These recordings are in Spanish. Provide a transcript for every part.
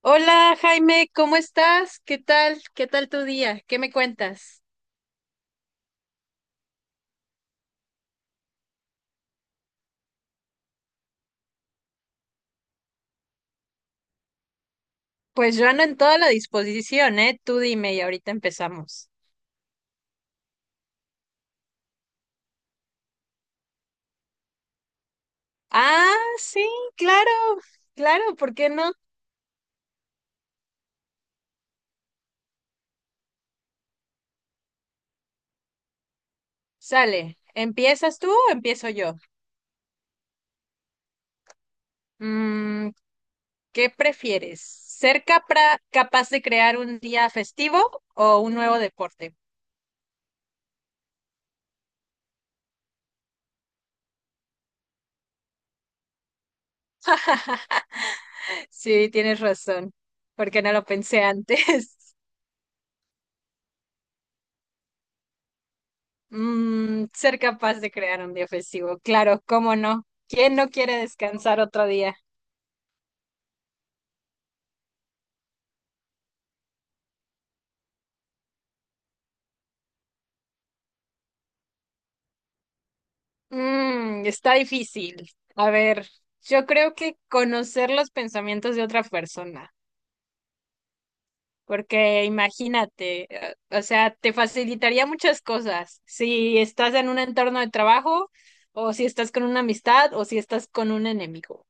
Hola Jaime, ¿cómo estás? ¿Qué tal? ¿Qué tal tu día? ¿Qué me cuentas? Pues yo ando en toda la disposición, ¿eh? Tú dime y ahorita empezamos. Ah, sí, claro, claro, ¿por qué no? Sale, ¿empiezas tú o empiezo yo? Mm, ¿Qué prefieres? ¿Ser capaz de crear un día festivo o un nuevo deporte? Sí, tienes razón, porque no lo pensé antes. Ser capaz de crear un día festivo, claro, cómo no. ¿Quién no quiere descansar otro día? Está difícil. A ver, yo creo que conocer los pensamientos de otra persona, porque imagínate, o sea, te facilitaría muchas cosas si estás en un entorno de trabajo o si estás con una amistad o si estás con un enemigo.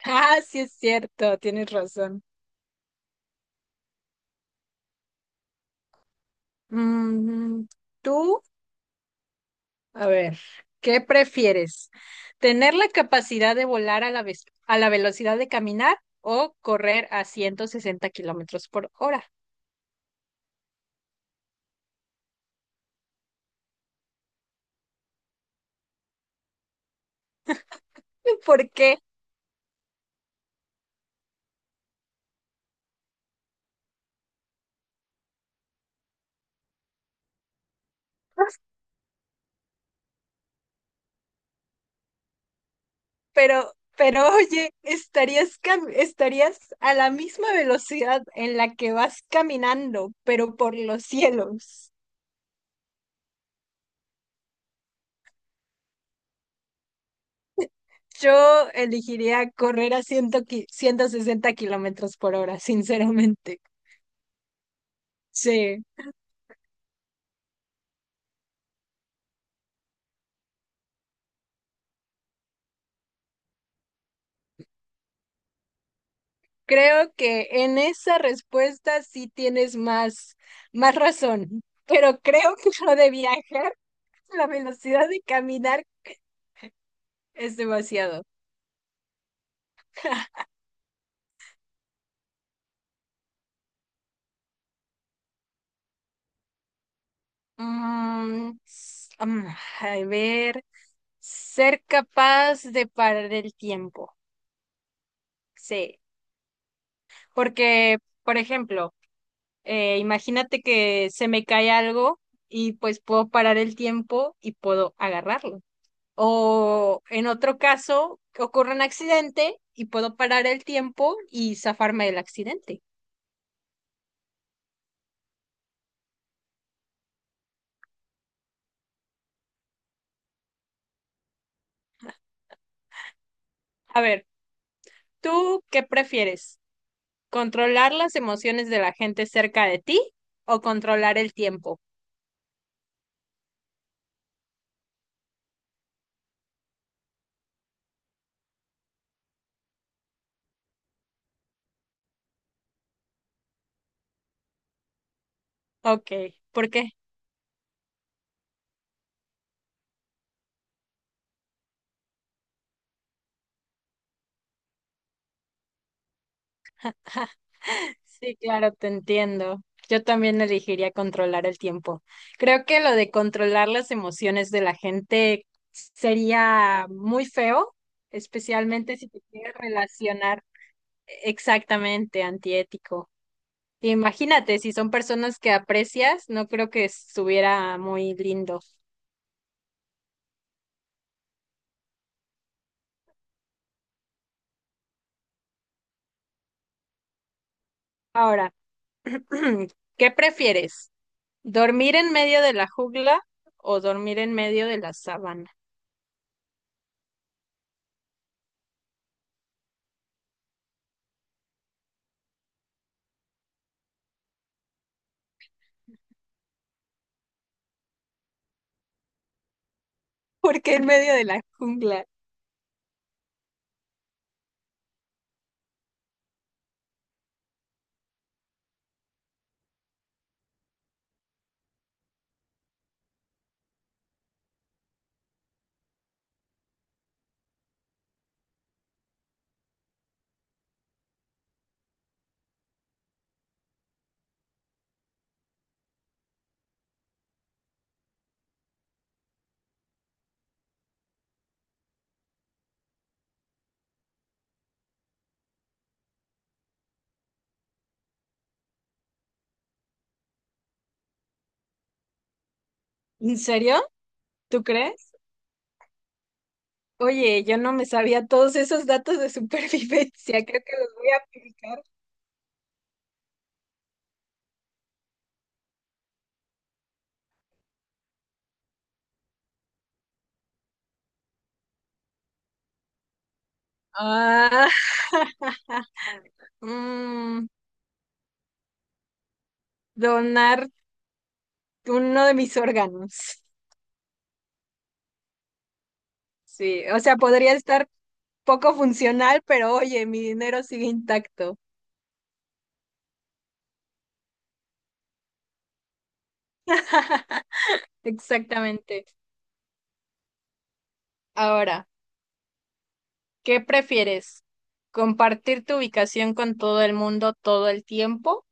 Ah, sí es cierto, tienes razón. Mm, ¿Tú? A ver, ¿qué prefieres? ¿Tener la capacidad de volar a la velocidad de caminar o correr a 160 kilómetros por hora? ¿Por qué? Pero oye, estarías a la misma velocidad en la que vas caminando, pero por los cielos. Yo elegiría correr a 100 160 kilómetros por hora, sinceramente. Sí. Creo que en esa respuesta sí tienes más, más razón, pero creo que lo de viajar, a la velocidad de caminar es demasiado. Mm, s- mm, a ver, ser capaz de parar el tiempo, sí, porque, por ejemplo, imagínate que se me cae algo y pues puedo parar el tiempo y puedo agarrarlo. O en otro caso, ocurre un accidente y puedo parar el tiempo y zafarme del accidente. A ver, ¿tú qué prefieres? ¿Controlar las emociones de la gente cerca de ti o controlar el tiempo? Ok, ¿por qué? Sí, claro, te entiendo. Yo también elegiría controlar el tiempo. Creo que lo de controlar las emociones de la gente sería muy feo, especialmente si te quieres relacionar. Exactamente, antiético. Imagínate, si son personas que aprecias, no creo que estuviera muy lindo. Ahora, ¿qué prefieres? ¿Dormir en medio de la jungla o dormir en medio de la sabana? ¿Por qué en medio de la jungla? ¿En serio? ¿Tú crees? Oye, yo no me sabía todos esos datos de supervivencia, creo que los voy a aplicar. Ah, mm, donar uno de mis órganos. Sí, o sea, podría estar poco funcional, pero oye, mi dinero sigue intacto. Exactamente. Ahora, ¿qué prefieres? ¿Compartir tu ubicación con todo el mundo todo el tiempo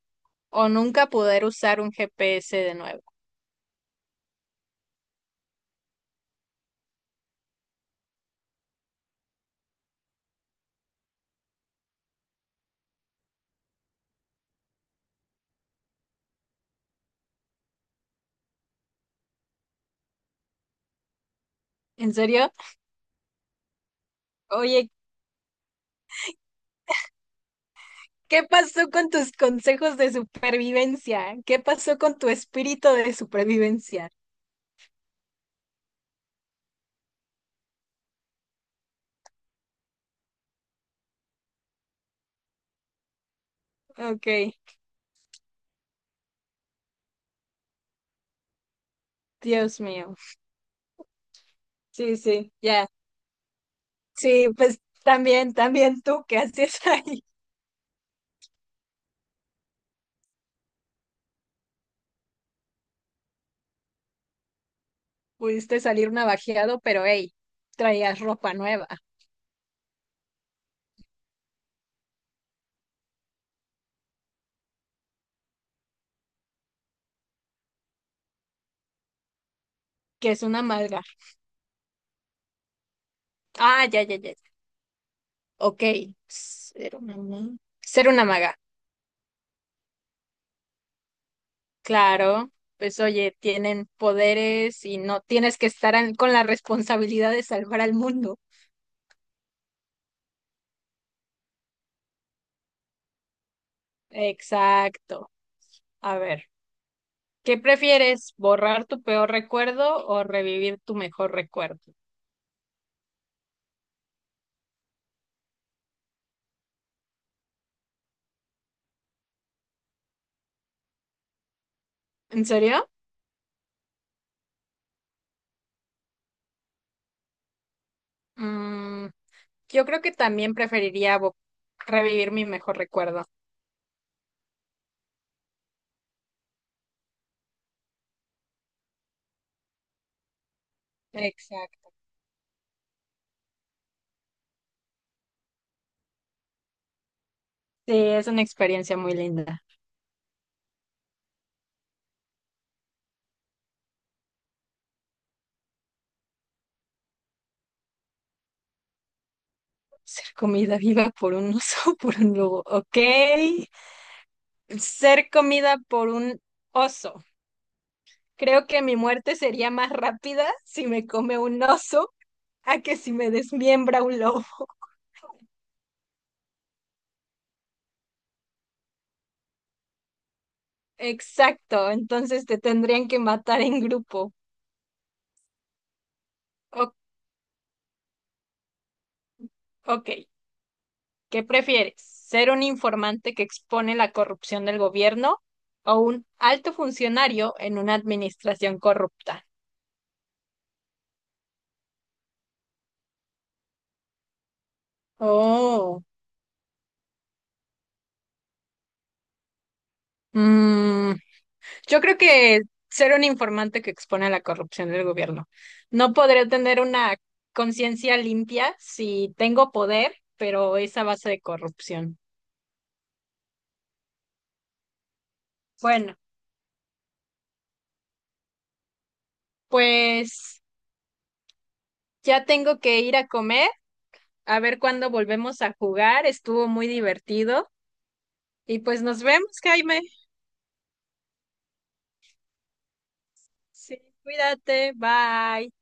o nunca poder usar un GPS de nuevo? ¿En serio? Oye, ¿qué pasó con tus consejos de supervivencia? ¿Qué pasó con tu espíritu de supervivencia? Ok, Dios mío. Sí, sí, ya. Sí, pues también, también tú, ¿qué haces ahí? Pudiste salir navajeado, pero hey, traías ropa nueva, que es una maga. Ah, ya, ya, ya. ya. Ok, ser una maga. Ser una maga, claro. Pues oye, tienen poderes y no tienes que estar con la responsabilidad de salvar al mundo. Exacto. A ver, ¿qué prefieres? ¿Borrar tu peor recuerdo o revivir tu mejor recuerdo? ¿En serio? Mm, yo creo que también preferiría revivir mi mejor recuerdo. Exacto. Sí, es una experiencia muy linda. Ser comida viva por un oso, por un lobo. Ok. Ser comida por un oso. Creo que mi muerte sería más rápida si me come un oso a que si me desmiembra un lobo. Exacto. Entonces te tendrían que matar en grupo. O- ok. ¿Qué prefieres? ¿Ser un informante que expone la corrupción del gobierno o un alto funcionario en una administración corrupta? Oh. Mm, yo creo que ser un informante que expone a la corrupción del gobierno. No podré tener una conciencia limpia si tengo poder, pero es a base de corrupción. Bueno, pues ya tengo que ir a comer, a ver cuándo volvemos a jugar. Estuvo muy divertido. Y pues nos vemos, Jaime. Sí, cuídate. Bye.